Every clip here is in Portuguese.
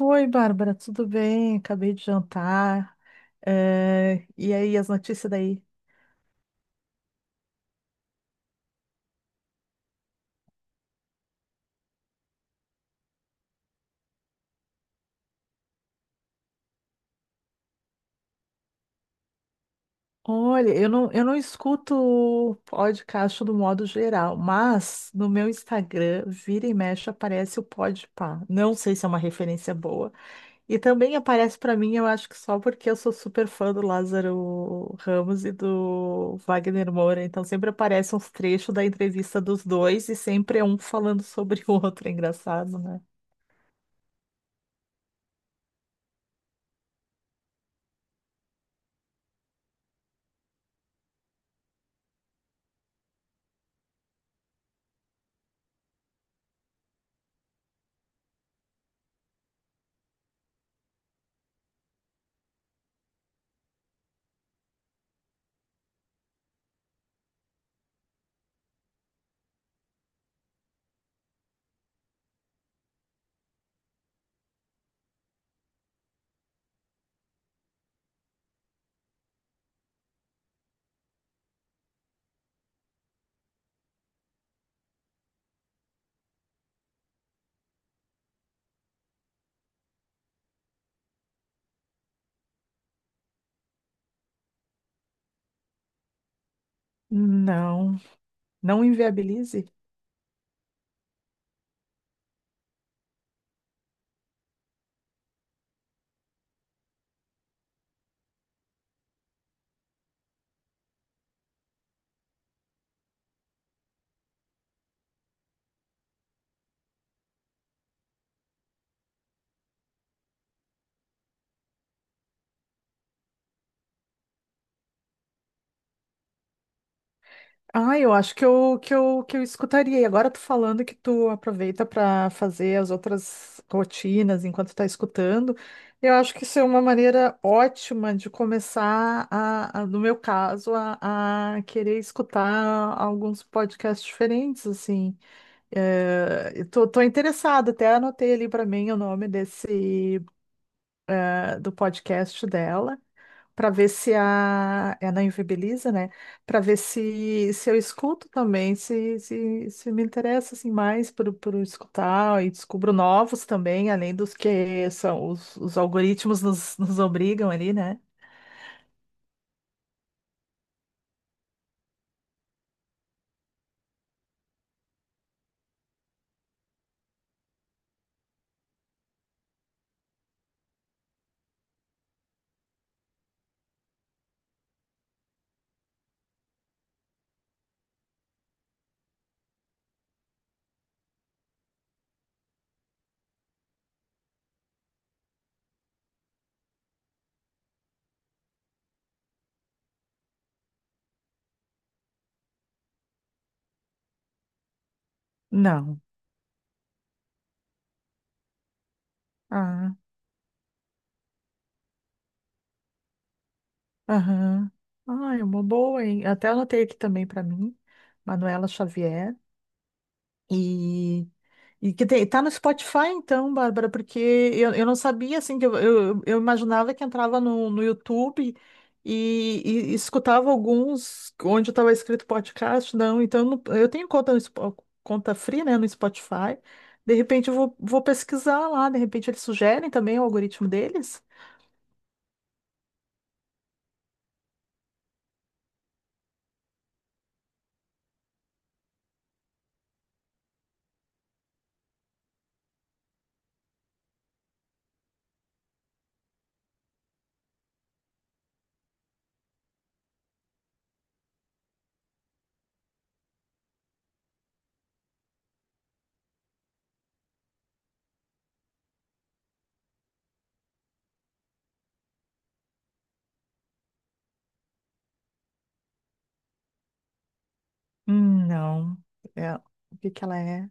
Oi, Bárbara, tudo bem? Acabei de jantar. E aí, as notícias daí? Olha, eu não escuto podcast do modo geral, mas no meu Instagram, vira e mexe, aparece o Podpah. Não sei se é uma referência boa. E também aparece para mim, eu acho que só porque eu sou super fã do Lázaro Ramos e do Wagner Moura. Então sempre aparecem uns trechos da entrevista dos dois e sempre é um falando sobre o outro. É engraçado, né? Não. Não inviabilize? Ah, eu acho que eu escutaria. E agora tu falando que tu aproveita para fazer as outras rotinas enquanto tá escutando, eu acho que isso é uma maneira ótima de começar no meu caso, a querer escutar alguns podcasts diferentes, assim. É, tô interessada, até anotei ali para mim o nome desse, do podcast dela. Para ver se a é na Invibiliza, né? Para ver se eu escuto também, se me interessa assim mais por escutar e descubro novos também, além dos que são os algoritmos nos obrigam ali, né? Não. Ah, aham. Ah, é uma boa, hein? Até anotei aqui também para mim, Manuela Xavier. E, e que tem, tá no Spotify então, Bárbara, porque eu não sabia, assim, eu imaginava que entrava no YouTube e, e escutava alguns onde estava escrito podcast, não, então não- eu tenho conta, no Spo- conta free, né, no Spotify, de repente vou pesquisar lá, de repente eles sugerem também o algoritmo deles? Não, é, o que que ela é?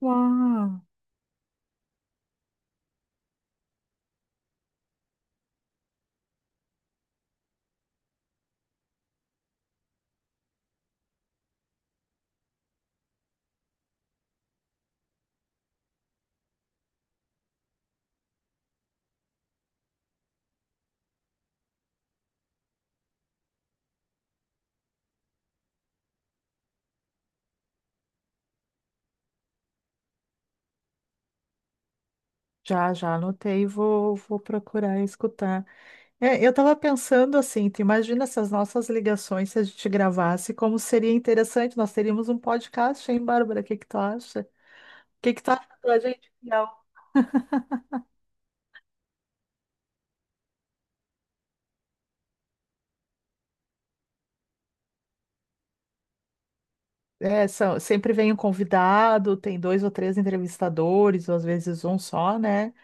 Uau, já anotei, vou procurar escutar. É, eu estava pensando assim, tu imagina se as nossas ligações, se a gente gravasse, como seria interessante, nós teríamos um podcast, hein, Bárbara? O que que tu acha? O que que tu acha da gente? Não. É, são, sempre vem um convidado, tem dois ou três entrevistadores, ou às vezes um só, né?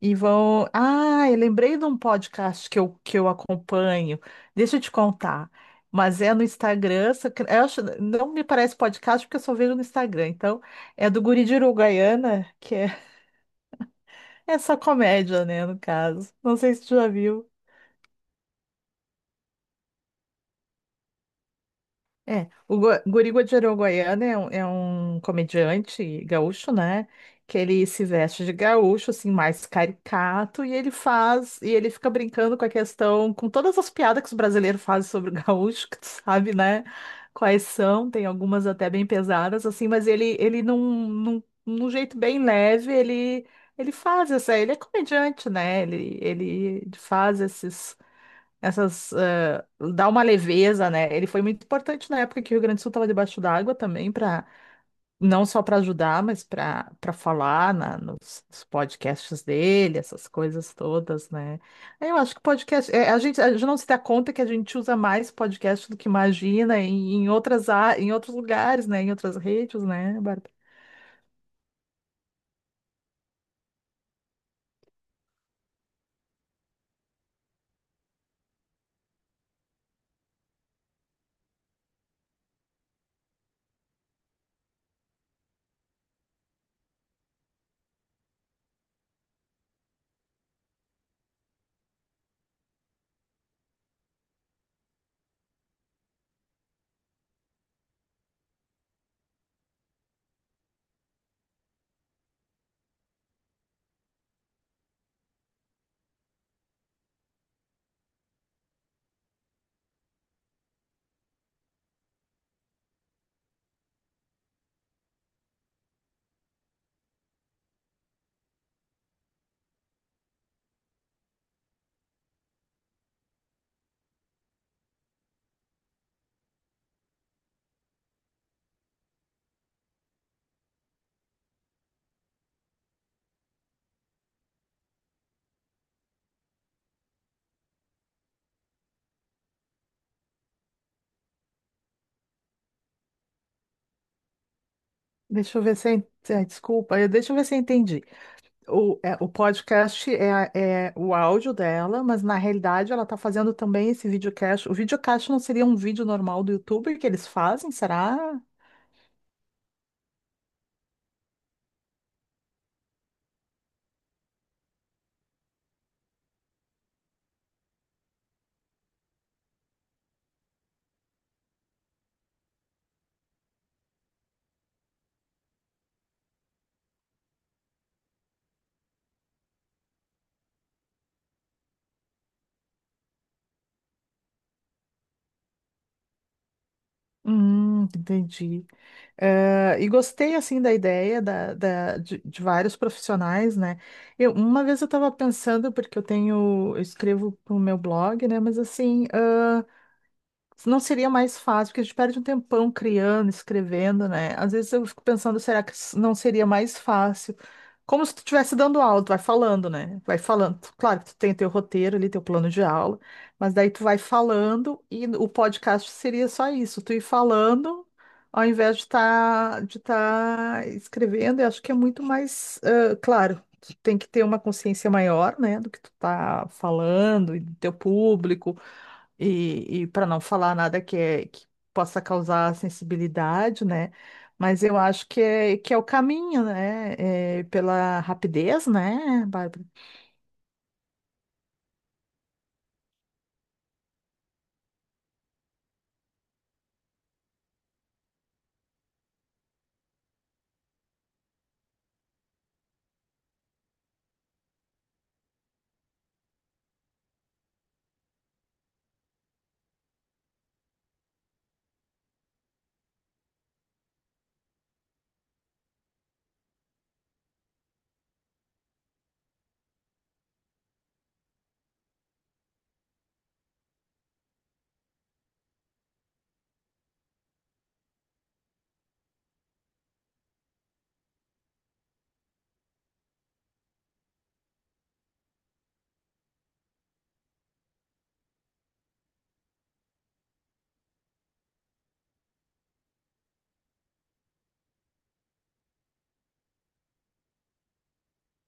E vão. Ah, eu lembrei de um podcast que eu acompanho. Deixa eu te contar. Mas é no Instagram, só que- eu acho- não me parece podcast porque eu só vejo no Instagram. Então, é do Guri de Uruguaiana, que é. É só comédia, né, no caso. Não sei se tu já viu. É, o Go Guri Guajarão Goiano é é um comediante gaúcho, né? Que ele se veste de gaúcho, assim, mais caricato, e ele faz, e ele fica brincando com a questão, com todas as piadas que os brasileiros fazem sobre o gaúcho, que tu sabe, né? Quais são, tem algumas até bem pesadas, assim, mas ele num jeito bem leve, ele faz essa, ele é comediante, né? Ele faz esses. Essas, dá uma leveza, né? Ele foi muito importante na época que o Rio Grande do Sul estava debaixo d'água também, para não só para ajudar, mas para falar na, nos podcasts dele, essas coisas todas, né? Eu acho que podcast, a gente não se dá conta que a gente usa mais podcast do que imagina em outras, a- em outros lugares, né? Em outras redes, né, Bárbara? Deixa eu ver se eu, en- desculpa, eu- deixa eu ver se eu entendi. O podcast é, é o áudio dela, mas na realidade ela está fazendo também esse videocast. O videocast não seria um vídeo normal do YouTube que eles fazem, será? Entendi. E gostei assim da ideia de vários profissionais, né? Eu, uma vez eu estava pensando, porque eu tenho, eu escrevo para o meu blog, né? Mas assim. Não seria mais fácil, porque a gente perde um tempão criando, escrevendo, né? Às vezes eu fico pensando, será que s- não seria mais fácil? Como se tu estivesse dando aula, tu vai falando, né? Vai falando. Tu- Claro que tu tem teu roteiro ali, teu plano de aula, mas daí tu vai falando e o podcast seria só isso, tu ir falando ao invés de estar de tá escrevendo. Eu acho que é muito mais, ah, claro, tu tem que ter uma consciência maior, né, do que tu tá falando e do teu público e para não falar nada que, é, que possa causar sensibilidade, né? Mas eu acho que é o caminho, né? É, pela rapidez, né, Bárbara?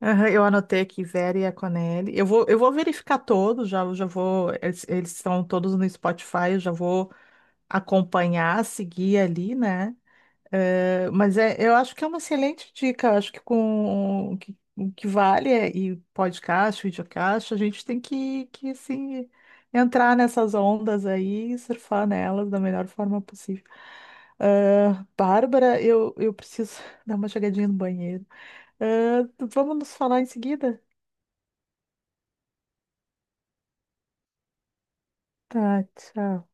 Aham, eu anotei aqui Vera e a Conelli. Eu vou verificar todos, já vou. Eles estão todos no Spotify, eu já vou acompanhar, seguir ali, né? Eu acho que é uma excelente dica. Acho que com o que vale é, e podcast, videocast, a gente tem que assim, entrar nessas ondas aí e surfar nelas da melhor forma possível. Ah, Bárbara, eu preciso dar uma chegadinha no banheiro. Ah, vamos nos falar em seguida? Tá, tchau.